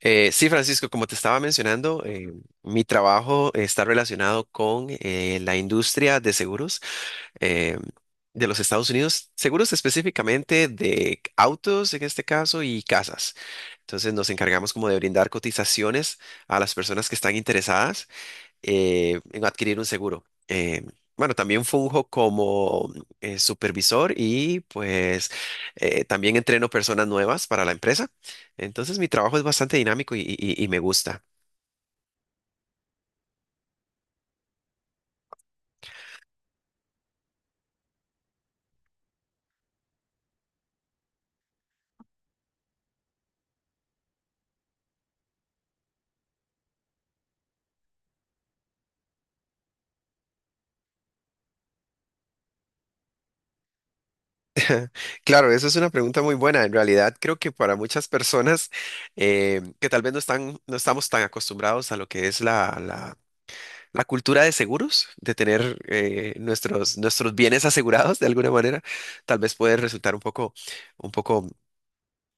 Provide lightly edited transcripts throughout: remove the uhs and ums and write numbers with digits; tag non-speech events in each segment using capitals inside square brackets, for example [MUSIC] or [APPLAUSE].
Sí, Francisco, como te estaba mencionando, mi trabajo está relacionado con la industria de seguros eh, de los Estados Unidos, seguros específicamente de autos en este caso y casas. Entonces nos encargamos como de brindar cotizaciones a las personas que están interesadas en adquirir un seguro. Bueno, también funjo como supervisor y pues también entreno personas nuevas para la empresa. Entonces mi trabajo es bastante dinámico y me gusta. Claro, eso es una pregunta muy buena. En realidad creo que para muchas personas que tal vez no estamos tan acostumbrados a lo que es la cultura de seguros, de tener nuestros bienes asegurados de alguna manera, tal vez puede resultar un poco un poco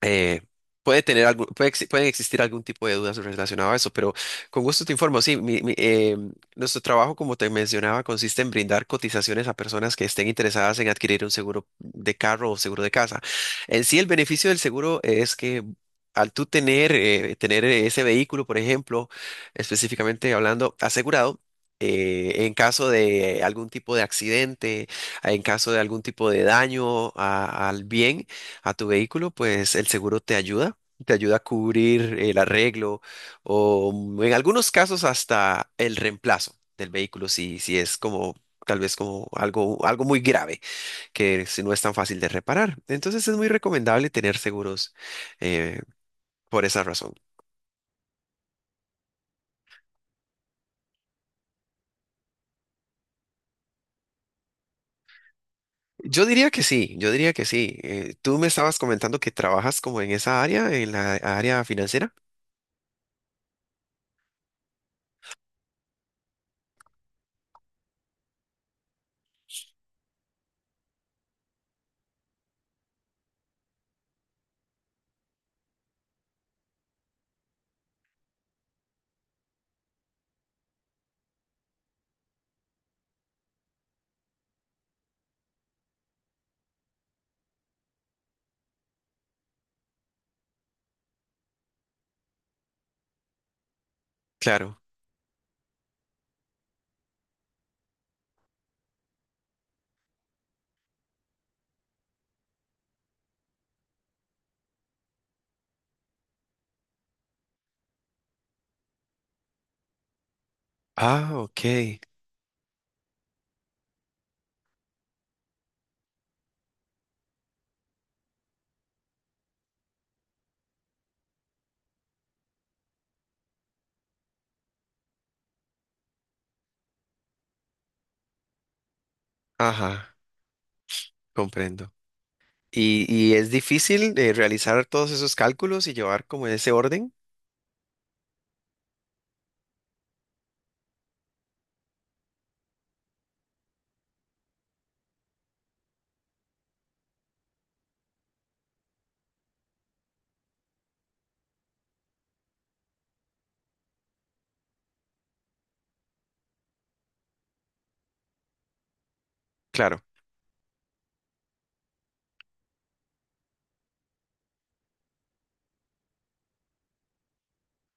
eh, puede tener algún, puede exi- pueden existir algún tipo de dudas relacionado a eso, pero con gusto te informo. Sí, nuestro trabajo, como te mencionaba, consiste en brindar cotizaciones a personas que estén interesadas en adquirir un seguro de carro o seguro de casa. En sí, el beneficio del seguro es que al tú tener, tener ese vehículo, por ejemplo, específicamente hablando, asegurado, en caso de algún tipo de accidente, en caso de algún tipo de daño al bien, a tu vehículo, pues el seguro te ayuda a cubrir el arreglo o en algunos casos hasta el reemplazo del vehículo si es como tal vez como algo muy grave que si no es tan fácil de reparar. Entonces es muy recomendable tener seguros eh, por esa razón. Yo diría que sí, yo diría que sí. Tú me estabas comentando que trabajas como en esa área, en la área financiera. Claro. Ah, ok. Ajá, comprendo. Y es difícil realizar todos esos cálculos y llevar como ese orden. Claro.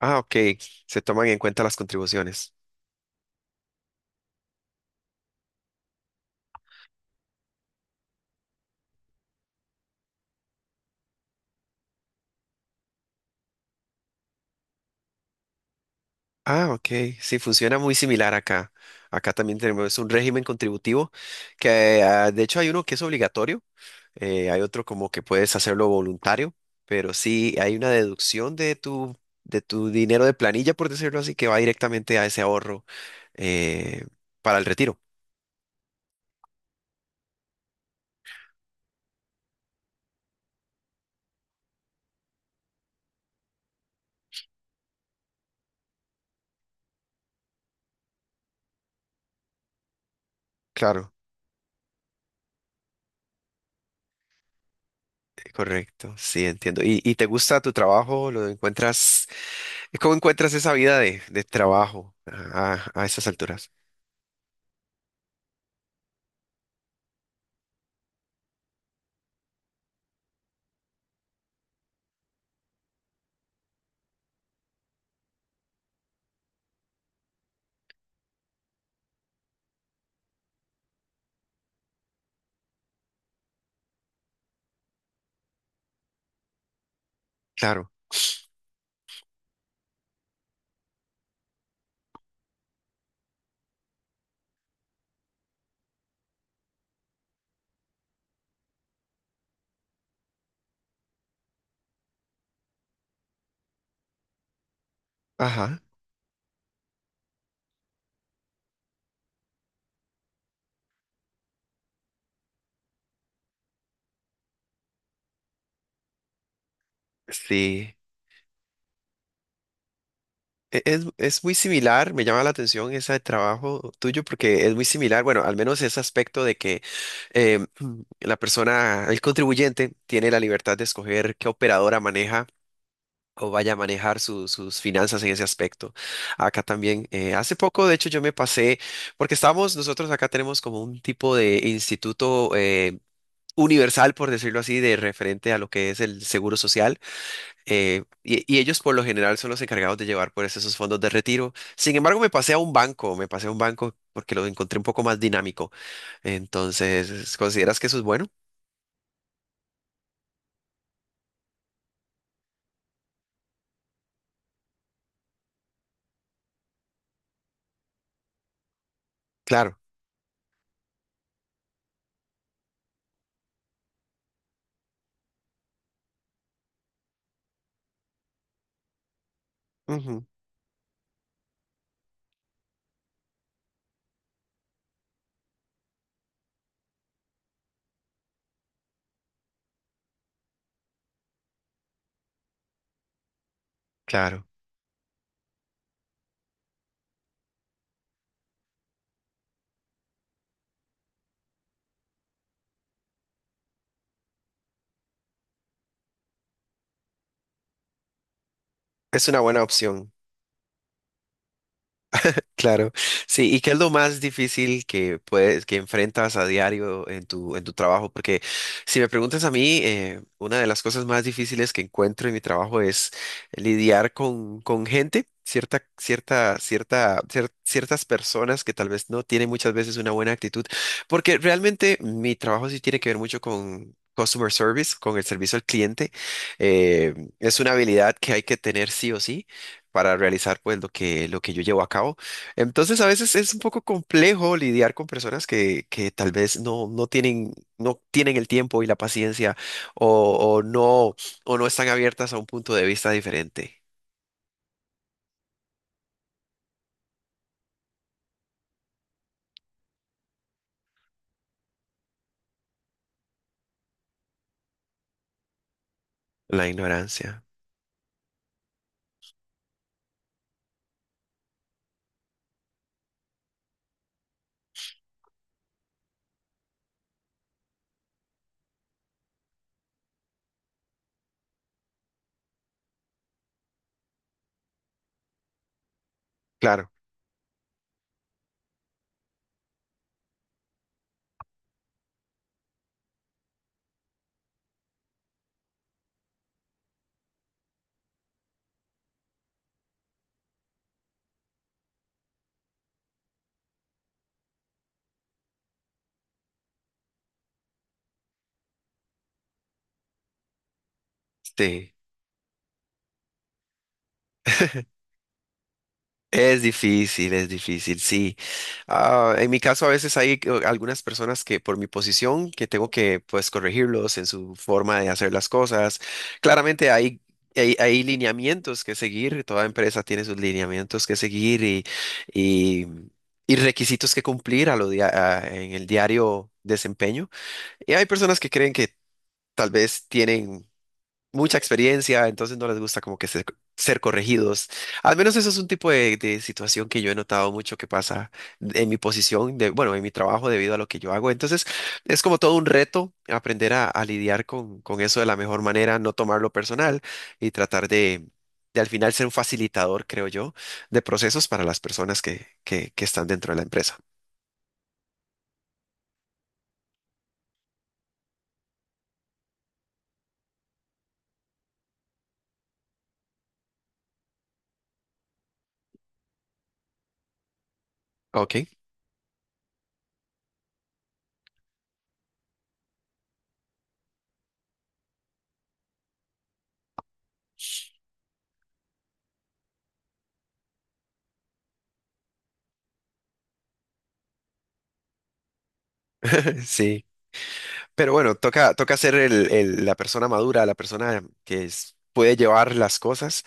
Ah, ok. Se toman en cuenta las contribuciones. Ah, ok. Sí, funciona muy similar acá. Acá también tenemos un régimen contributivo que ah, de hecho hay uno que es obligatorio. Hay otro como que puedes hacerlo voluntario, pero sí hay una deducción de tu dinero de planilla, por decirlo así, que va directamente a ese ahorro eh, para el retiro. Claro. Correcto, sí, entiendo. Y te gusta tu trabajo? ¿Lo encuentras? ¿Cómo encuentras esa vida de trabajo a esas alturas? Claro. Ajá. Sí. Es muy similar, me llama la atención ese trabajo tuyo porque es muy similar, bueno, al menos ese aspecto de que eh, [CLEARS THROAT] la persona, el contribuyente, tiene la libertad de escoger qué operadora maneja o vaya a manejar sus finanzas en ese aspecto. Acá también, hace poco, de hecho, yo me pasé, porque estamos, nosotros acá tenemos como un tipo de instituto universal, por decirlo así, de referente a lo que es el seguro social, y ellos por lo general son los encargados de llevar pues esos fondos de retiro. Sin embargo, me pasé a un banco, me pasé a un banco porque lo encontré un poco más dinámico. Entonces, ¿consideras que eso es bueno? Claro, ujú, claro, es una buena opción. Claro, sí, ¿y qué es lo más difícil que puedes, que enfrentas a diario en tu trabajo? Porque si me preguntas a mí, una de las cosas más difíciles que encuentro en mi trabajo es lidiar con gente, ciertas personas que tal vez no tienen muchas veces una buena actitud, porque realmente mi trabajo sí tiene que ver mucho con customer service, con el servicio al cliente. Eh, es una habilidad que hay que tener sí o sí para realizar pues lo lo que yo llevo a cabo. Entonces, a veces es un poco complejo lidiar con personas que tal vez no tienen, no tienen el tiempo y la paciencia o, o no, o no están abiertas a un punto de vista diferente. La ignorancia. Claro, sí. [LAUGHS] Es difícil, sí. Ah, en mi caso a veces hay algunas personas que por mi posición que tengo que pues corregirlos en su forma de hacer las cosas. Claramente hay lineamientos que seguir, toda empresa tiene sus lineamientos que seguir y, y requisitos que cumplir a lo en el diario desempeño. Y hay personas que creen que tal vez tienen mucha experiencia, entonces no les gusta como que ser corregidos. Al menos eso es un tipo de situación que yo he notado mucho que pasa en mi posición, de, bueno, en mi trabajo debido a lo que yo hago. Entonces es como todo un reto aprender a lidiar con eso de la mejor manera, no tomarlo personal y tratar de al final ser un facilitador, creo yo, de procesos para las personas que están dentro de la empresa. Ok, [LAUGHS] sí. Pero bueno, toca, toca ser la persona madura, la persona que puede llevar las cosas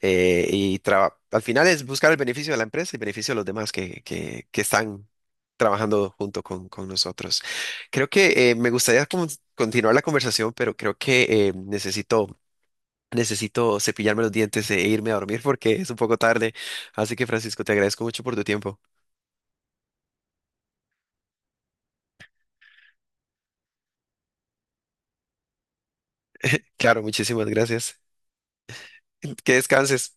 y al final es buscar el beneficio de la empresa y beneficio de los demás que están trabajando junto con nosotros. Creo que me gustaría como continuar la conversación, pero creo que necesito, necesito cepillarme los dientes e irme a dormir porque es un poco tarde. Así que Francisco, te agradezco mucho por tu tiempo. Claro, muchísimas gracias. Que descanses.